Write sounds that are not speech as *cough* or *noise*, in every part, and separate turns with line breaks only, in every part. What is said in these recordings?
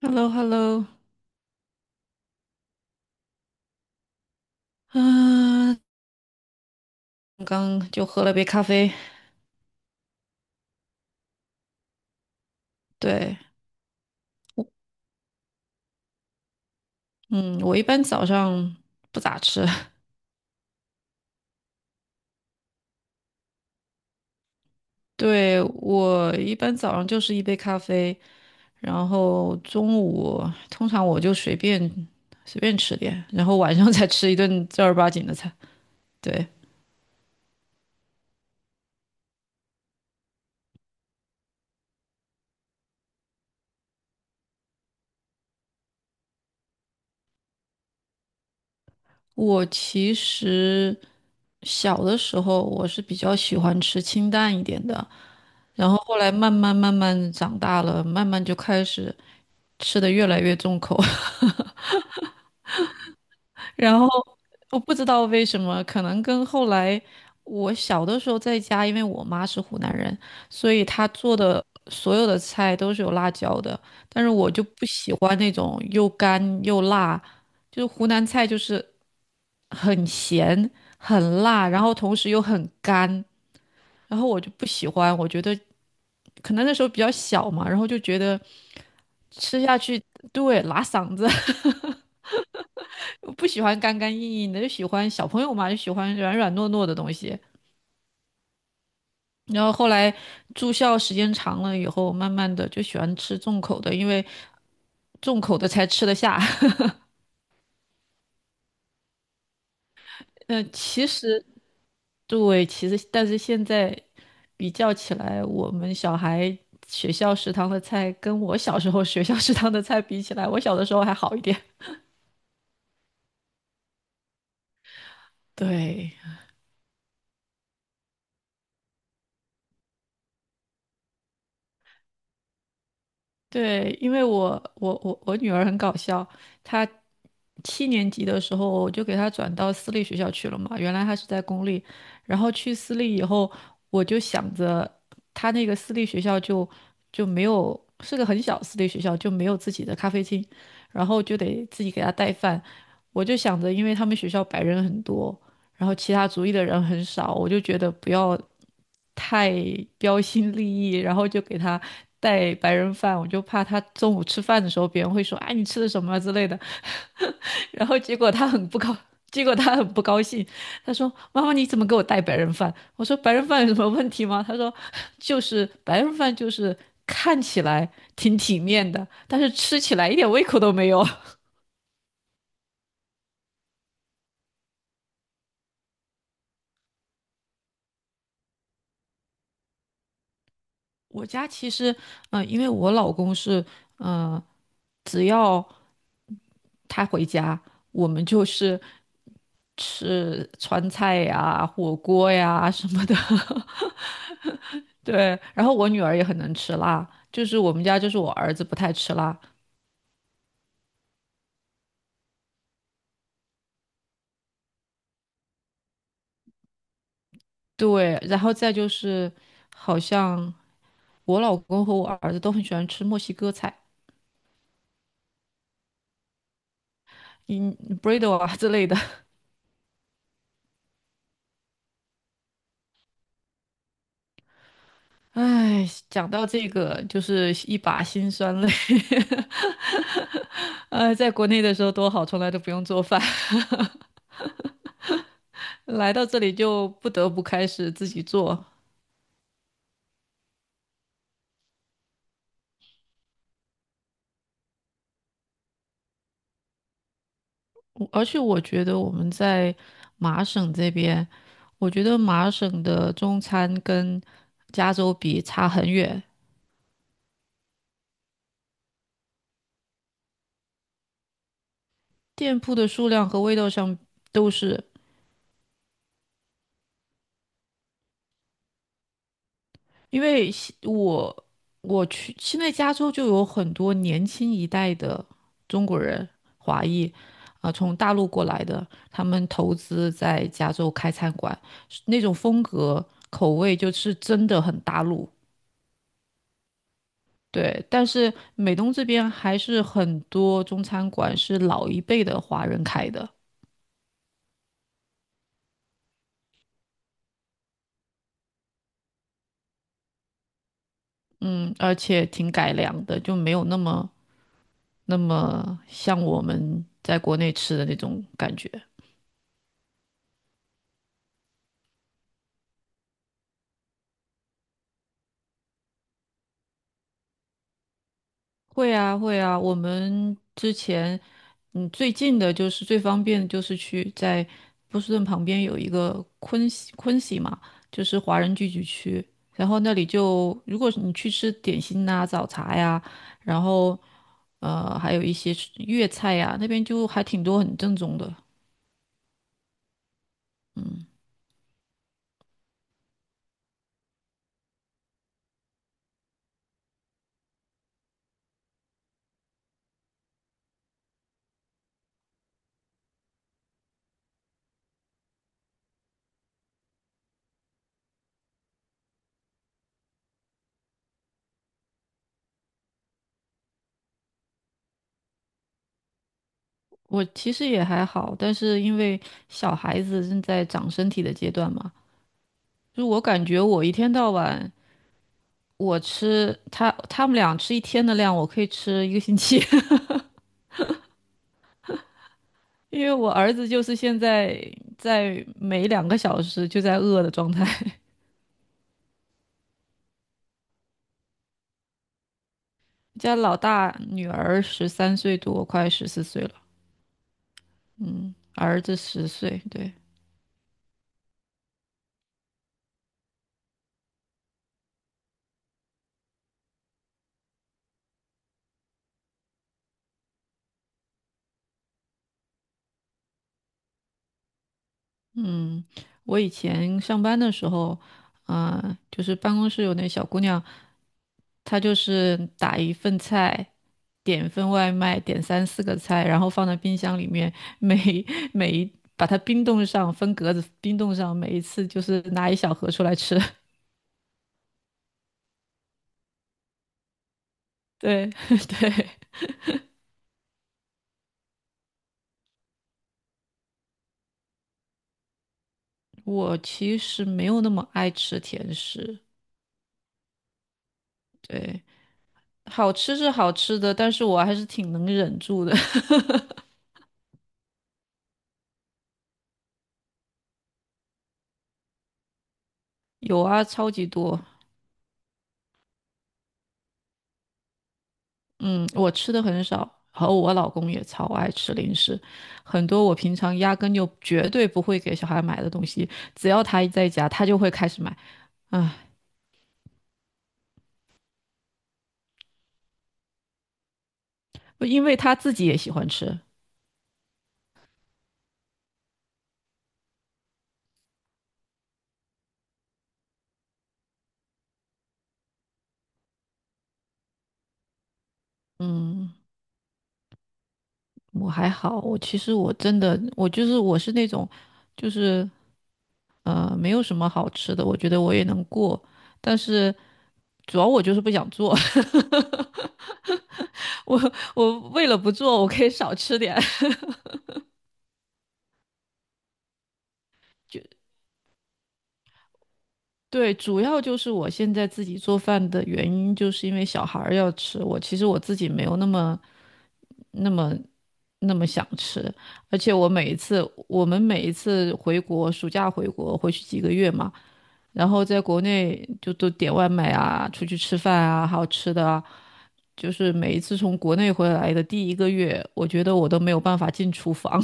h e l l o h e l l o 啊，刚就喝了杯咖啡。对，嗯，我一般早上不咋吃，*laughs* 对，我一般早上就是一杯咖啡，然后中午通常我就随便吃点，然后晚上 *laughs* 再吃一顿正儿八经的菜。对，我其实小的时候我是比较喜欢吃清淡一点的，然后后来慢慢长大了，慢慢就开始吃的越来越重口。*laughs* 然后我不知道为什么，可能跟后来我小的时候在家，因为我妈是湖南人，所以她做的所有的菜都是有辣椒的，但是我就不喜欢那种又干又辣，就是湖南菜就是很咸、很辣，然后同时又很干，然后我就不喜欢，我觉得可能那时候比较小嘛，然后就觉得吃下去，对，拉嗓子。*laughs* 我不喜欢干干硬硬的，就喜欢小朋友嘛，就喜欢软软糯糯的东西。然后后来住校时间长了以后，慢慢的就喜欢吃重口的，因为重口的才吃得下。*laughs* 其实对，其实但是现在比较起来，我们小孩学校食堂的菜跟我小时候学校食堂的菜比起来，我小的时候还好一点。*laughs* 对。对，因为我女儿很搞笑，她7年级的时候我就给她转到私立学校去了嘛，原来她是在公立，然后去私立以后，我就想着她那个私立学校就没有，是个很小私立学校，就没有自己的咖啡厅，然后就得自己给她带饭，我就想着，因为他们学校白人很多。然后其他族裔的人很少，我就觉得不要太标新立异，然后就给他带白人饭，我就怕他中午吃饭的时候别人会说，哎，你吃的什么啊之类的，*laughs* 然后结果他很不高，结果他很不高兴，他说妈妈你怎么给我带白人饭？我说白人饭有什么问题吗？他说就是白人饭就是看起来挺体面的，但是吃起来一点胃口都没有。*laughs* 我家其实，嗯、因为我老公是，嗯、只要他回家，我们就是吃川菜呀、火锅呀什么的。*laughs* 对，然后我女儿也很能吃辣，就是我们家就是我儿子不太吃辣。对，然后再就是好像我老公和我儿子都很喜欢吃墨西哥菜，嗯 b r r i d o 啊之类的。唉，讲到这个就是一把辛酸泪。*laughs* 在国内的时候多好，从来都不用做饭。*laughs* 来到这里就不得不开始自己做，而且我觉得我们在麻省这边，我觉得麻省的中餐跟加州比差很远，店铺的数量和味道上都是，因为西我我去现在加州就有很多年轻一代的中国人华裔啊、从大陆过来的，他们投资在加州开餐馆，那种风格口味就是真的很大陆。对，但是美东这边还是很多中餐馆是老一辈的华人开的，嗯，而且挺改良的，就没有那么像我们在国内吃的那种感觉。会啊，会啊，我们之前，嗯，最近的就是最方便的就是去在波士顿旁边有一个昆西嘛，就是华人聚集区，然后那里就如果是你去吃点心呐、早茶呀。然后还有一些是粤菜呀、那边就还挺多很正宗的。嗯，我其实也还好，但是因为小孩子正在长身体的阶段嘛，就我感觉我一天到晚我吃他们俩吃一天的量，我可以吃1个星期，*laughs* 因为我儿子就是现在在每2个小时就在饿的状态。*laughs* 家老大女儿13岁多，快14岁了，嗯，儿子10岁，对。嗯，我以前上班的时候，啊、就是办公室有那小姑娘，她就是打一份菜，点一份外卖，点三四个菜，然后放在冰箱里面，每每一把它冰冻上，分格子冰冻上，每一次就是拿一小盒出来吃。*laughs* 对 *laughs* 对，我其实没有那么爱吃甜食，对，好吃是好吃的，但是我还是挺能忍住的。*laughs* 有啊，超级多。嗯，我吃的很少，然后我老公也超爱吃零食，很多我平常压根就绝对不会给小孩买的东西，只要他一在家，他就会开始买。啊，因为他自己也喜欢吃。嗯，我还好，我其实我真的，我就是我是那种，就是没有什么好吃的，我觉得我也能过，但是主要我就是不想做。*laughs* 我我为了不做，我可以少吃点。*laughs* 对，主要就是我现在自己做饭的原因，就是因为小孩儿要吃。我其实我自己没有那么、那么、那么想吃，而且我每一次，我们每一次回国，暑假回国回去几个月嘛，然后在国内就都点外卖啊，出去吃饭啊，还有吃的啊，就是每一次从国内回来的第一个月，我觉得我都没有办法进厨房。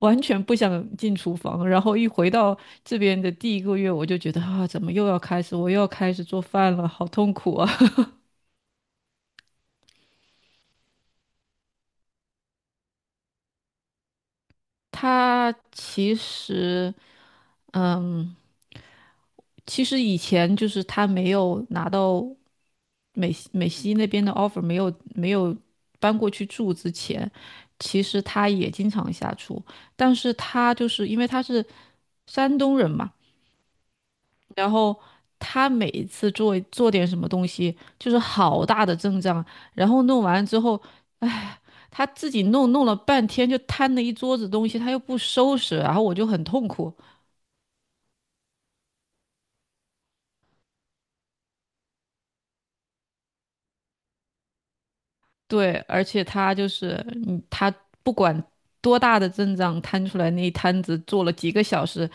完全不想进厨房，然后一回到这边的第一个月，我就觉得啊，怎么又要开始，我又要开始做饭了，好痛苦啊！*laughs* 他其实其实以前就是他没有拿到美西那边的 offer，没有搬过去住之前，其实他也经常下厨，但是他就是因为他是山东人嘛。然后他每一次做点什么东西，就是好大的阵仗，然后弄完之后，哎，他自己弄了半天，就摊了一桌子东西，他又不收拾，然后我就很痛苦。对，而且他就是，嗯，他不管多大的阵仗摊出来那一摊子，做了几个小时，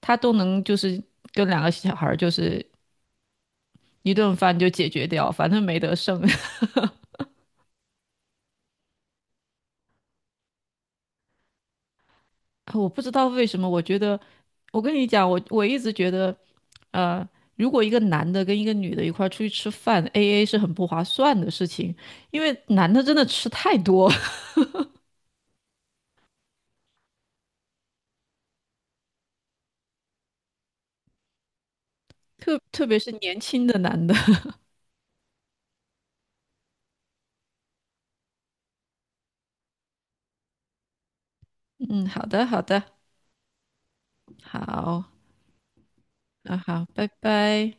他都能就是跟2个小孩儿就是一顿饭就解决掉，反正没得剩。啊我不知道为什么，我觉得，我跟你讲，我一直觉得，呃，如果一个男的跟一个女的一块儿出去吃饭，AA 是很不划算的事情，因为男的真的吃太多，*laughs* 特别是年轻的男的。*laughs* 嗯，好的，好的，好，那好，拜拜。